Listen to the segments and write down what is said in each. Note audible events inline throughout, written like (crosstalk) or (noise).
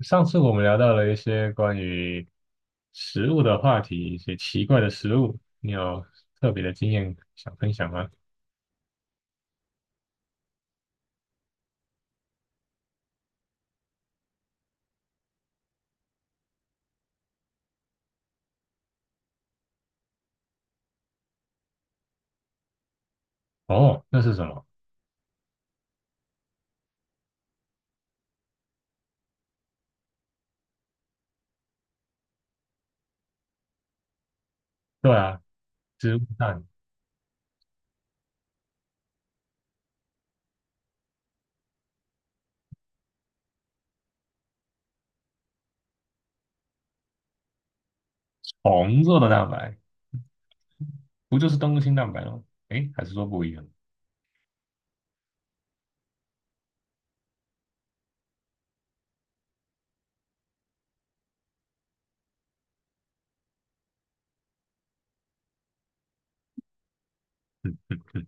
上次我们聊到了一些关于食物的话题，一些奇怪的食物，你有特别的经验想分享吗？哦，那是什么？对啊，植物蛋，虫做的蛋白，不就是动物性蛋白吗？诶，还是说不一样？(laughs) 嗯嗯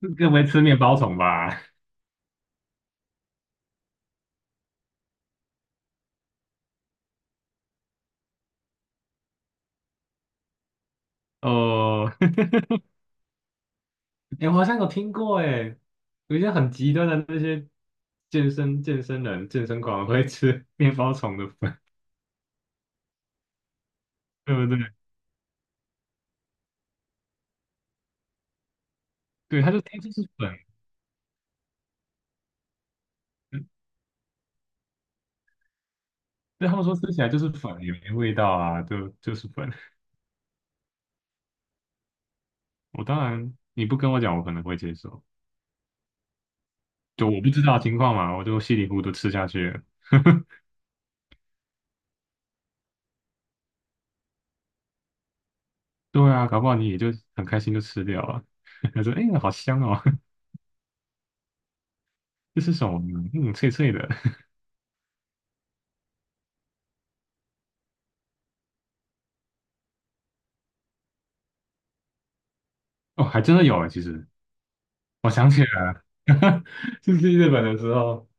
嗯，(laughs) 更没吃面包虫吧？哦，(laughs) 诶，我好像有听过，诶，有一些很极端的那些健身人、健身狂会吃面包虫的粉，对不对？对，它就天就是粉。对他们说吃起来就是粉，也没味道啊，就是粉。(laughs) 我当然你不跟我讲，我可能会接受。就我不知道情况嘛，我就稀里糊涂吃下去了。(laughs) 对啊，搞不好你也就很开心就吃掉了。(laughs) 他说："哎、好香哦，(laughs) 这是什么呢嗯，脆脆的。哦，还真的有哎。其实我想起来了，(laughs) 就是去日本的时候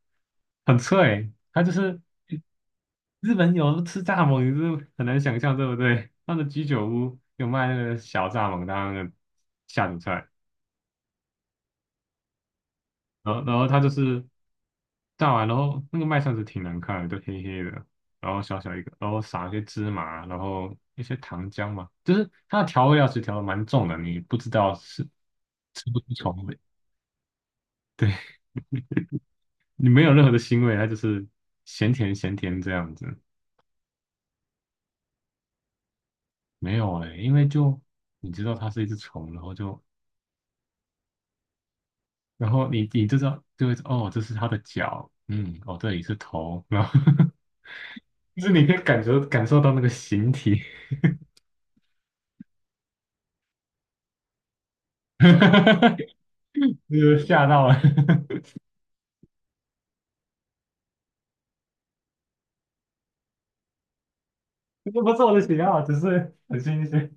很脆。它就是日本有吃蚱蜢，你是很难想象，对不对？那个居酒屋有卖那个小蚱蜢当那个下酒菜。然后它就是炸完，然后那个麦算是挺难看的，就黑黑的，然后小小一个，然后撒一些芝麻，然后一些糖浆嘛，就是它的调味料其实调的蛮重的，你不知道是吃不出虫味，你没有任何的腥味，它就是咸甜咸甜这样子，没有哎、因为就你知道它是一只虫，然后就然后你就知道就会哦，这是它的脚，嗯，哦这里是头，然后 (laughs) 就是你可以感受到那个形体。(laughs) 哈哈吓到了，(laughs) 这不是我的喜好，只是很新鲜。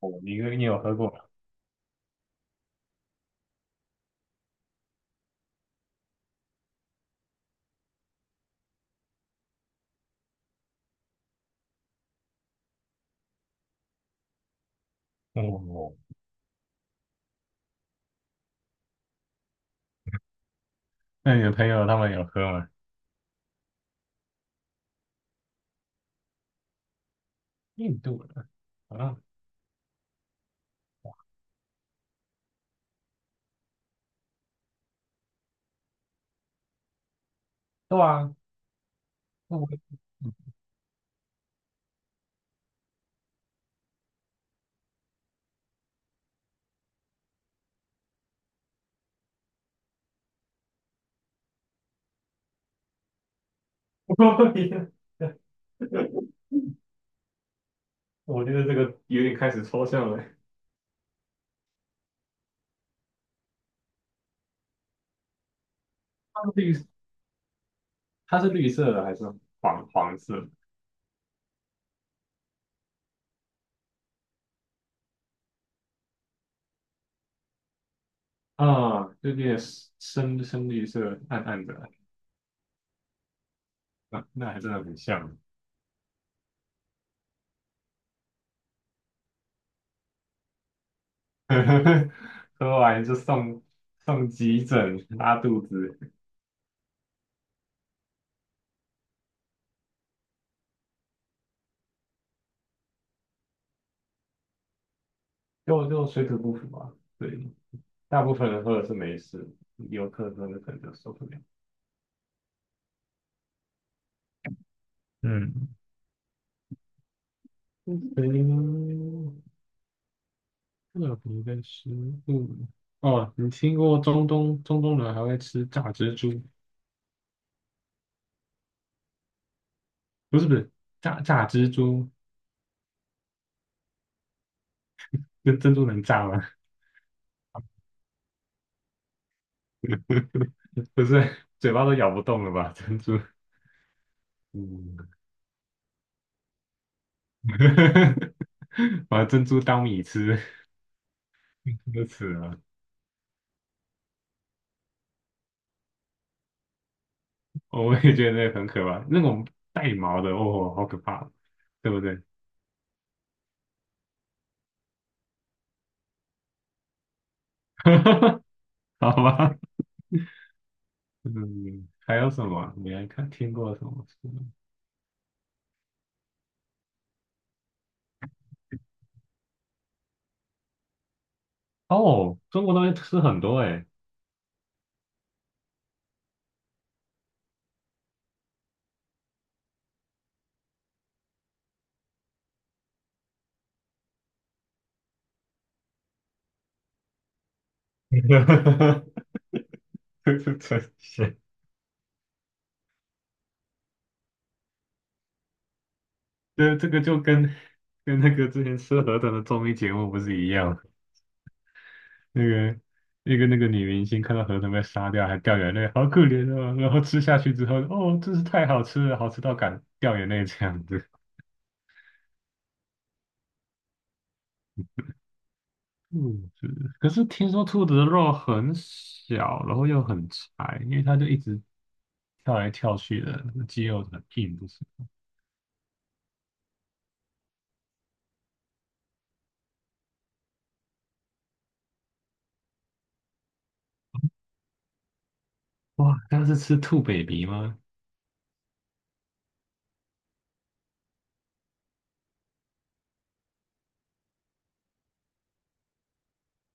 哦，你你有喝过吗？哦，那你的朋友他们有喝吗？印度的啊，对啊，那我 (laughs) 我觉得这个有点开始抽象了。它是绿，它是绿色的还是黄黄色啊，就有点深深绿色，暗暗的，那那还真的很像。(laughs) 喝完就送急诊拉肚子，就水土不服啊。对，大部分人喝的是没事，游客喝的可能就受不了。嗯，嗯，特别的食物哦，你听过中东人还会吃炸蜘蛛？不是不是，炸蜘蛛跟珍珠能炸吗？(laughs) 不是，嘴巴都咬不动了吧？珍珠，嗯，(laughs) 把珍珠当米吃。(laughs) 都死了，我也觉得那个很可怕，那种带毛的，哦，好可怕，对不对？(laughs) 好吧，嗯，还有什么啊你还看听过什么书哦，中国东西吃很多哎、欸，(laughs) 这是真是，这个就跟那个之前吃河豚的综艺节目不是一样？那个那个那个女明星看到河豚被杀掉还掉眼泪，好可怜哦，然后吃下去之后，哦，真是太好吃了，好吃到敢掉眼泪这样子。兔子，可是听说兔子的肉很小，然后又很柴，因为它就一直跳来跳去的，肌肉很硬，不是？哇，它是吃兔 baby 吗？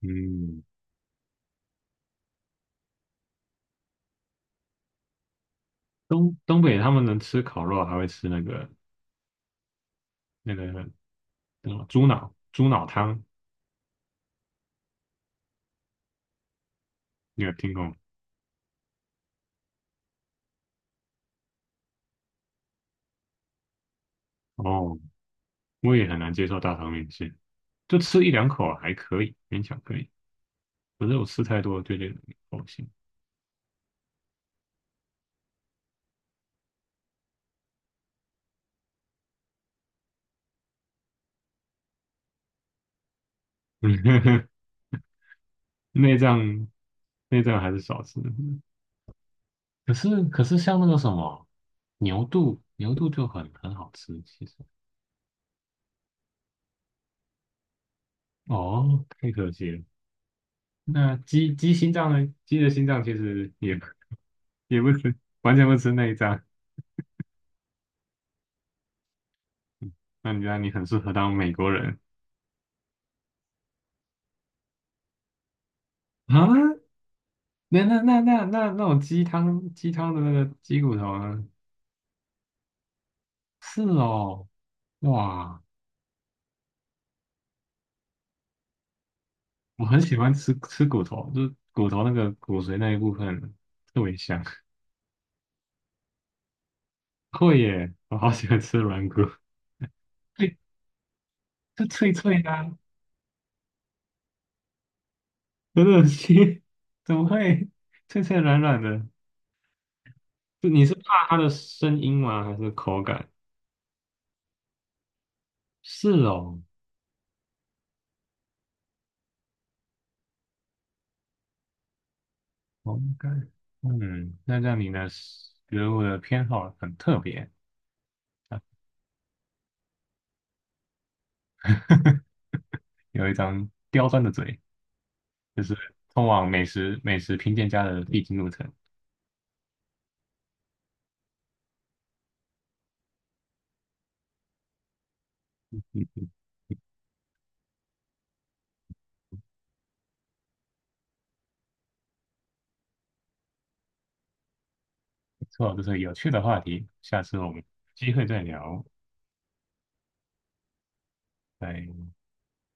嗯，东东北他们能吃烤肉，还会吃那个那个那个猪脑汤，你有听过吗？哦，我也很难接受大肠面线，就吃一两口还可以，勉强可以。可是我吃太多就觉得恶心，(laughs) 内脏内脏还是少吃。可是像那个什么牛肚，牛肚就很很好吃，其实哦，太可惜了。那鸡心脏呢？鸡的心脏其实也不也不吃，完全不吃内脏。嗯那你觉得你很适合当美国人啊？那种鸡汤的那个鸡骨头呢？是哦，哇，我很喜欢吃骨头，就是骨头那个骨髓那一部分特别香。(laughs) 会耶，我好喜欢吃软骨。(laughs) 脆，就脆脆的啊很恶心，(laughs) 怎么会脆脆软软的？就你是怕它的声音吗？还是口感？是哦，口感。嗯，那让你的食物的偏好很特别，(laughs) 有一张刁钻的嘴，就是通往美食评鉴家的必经路程。嗯，不错，这是有趣的话题，下次我们有机会再聊，拜。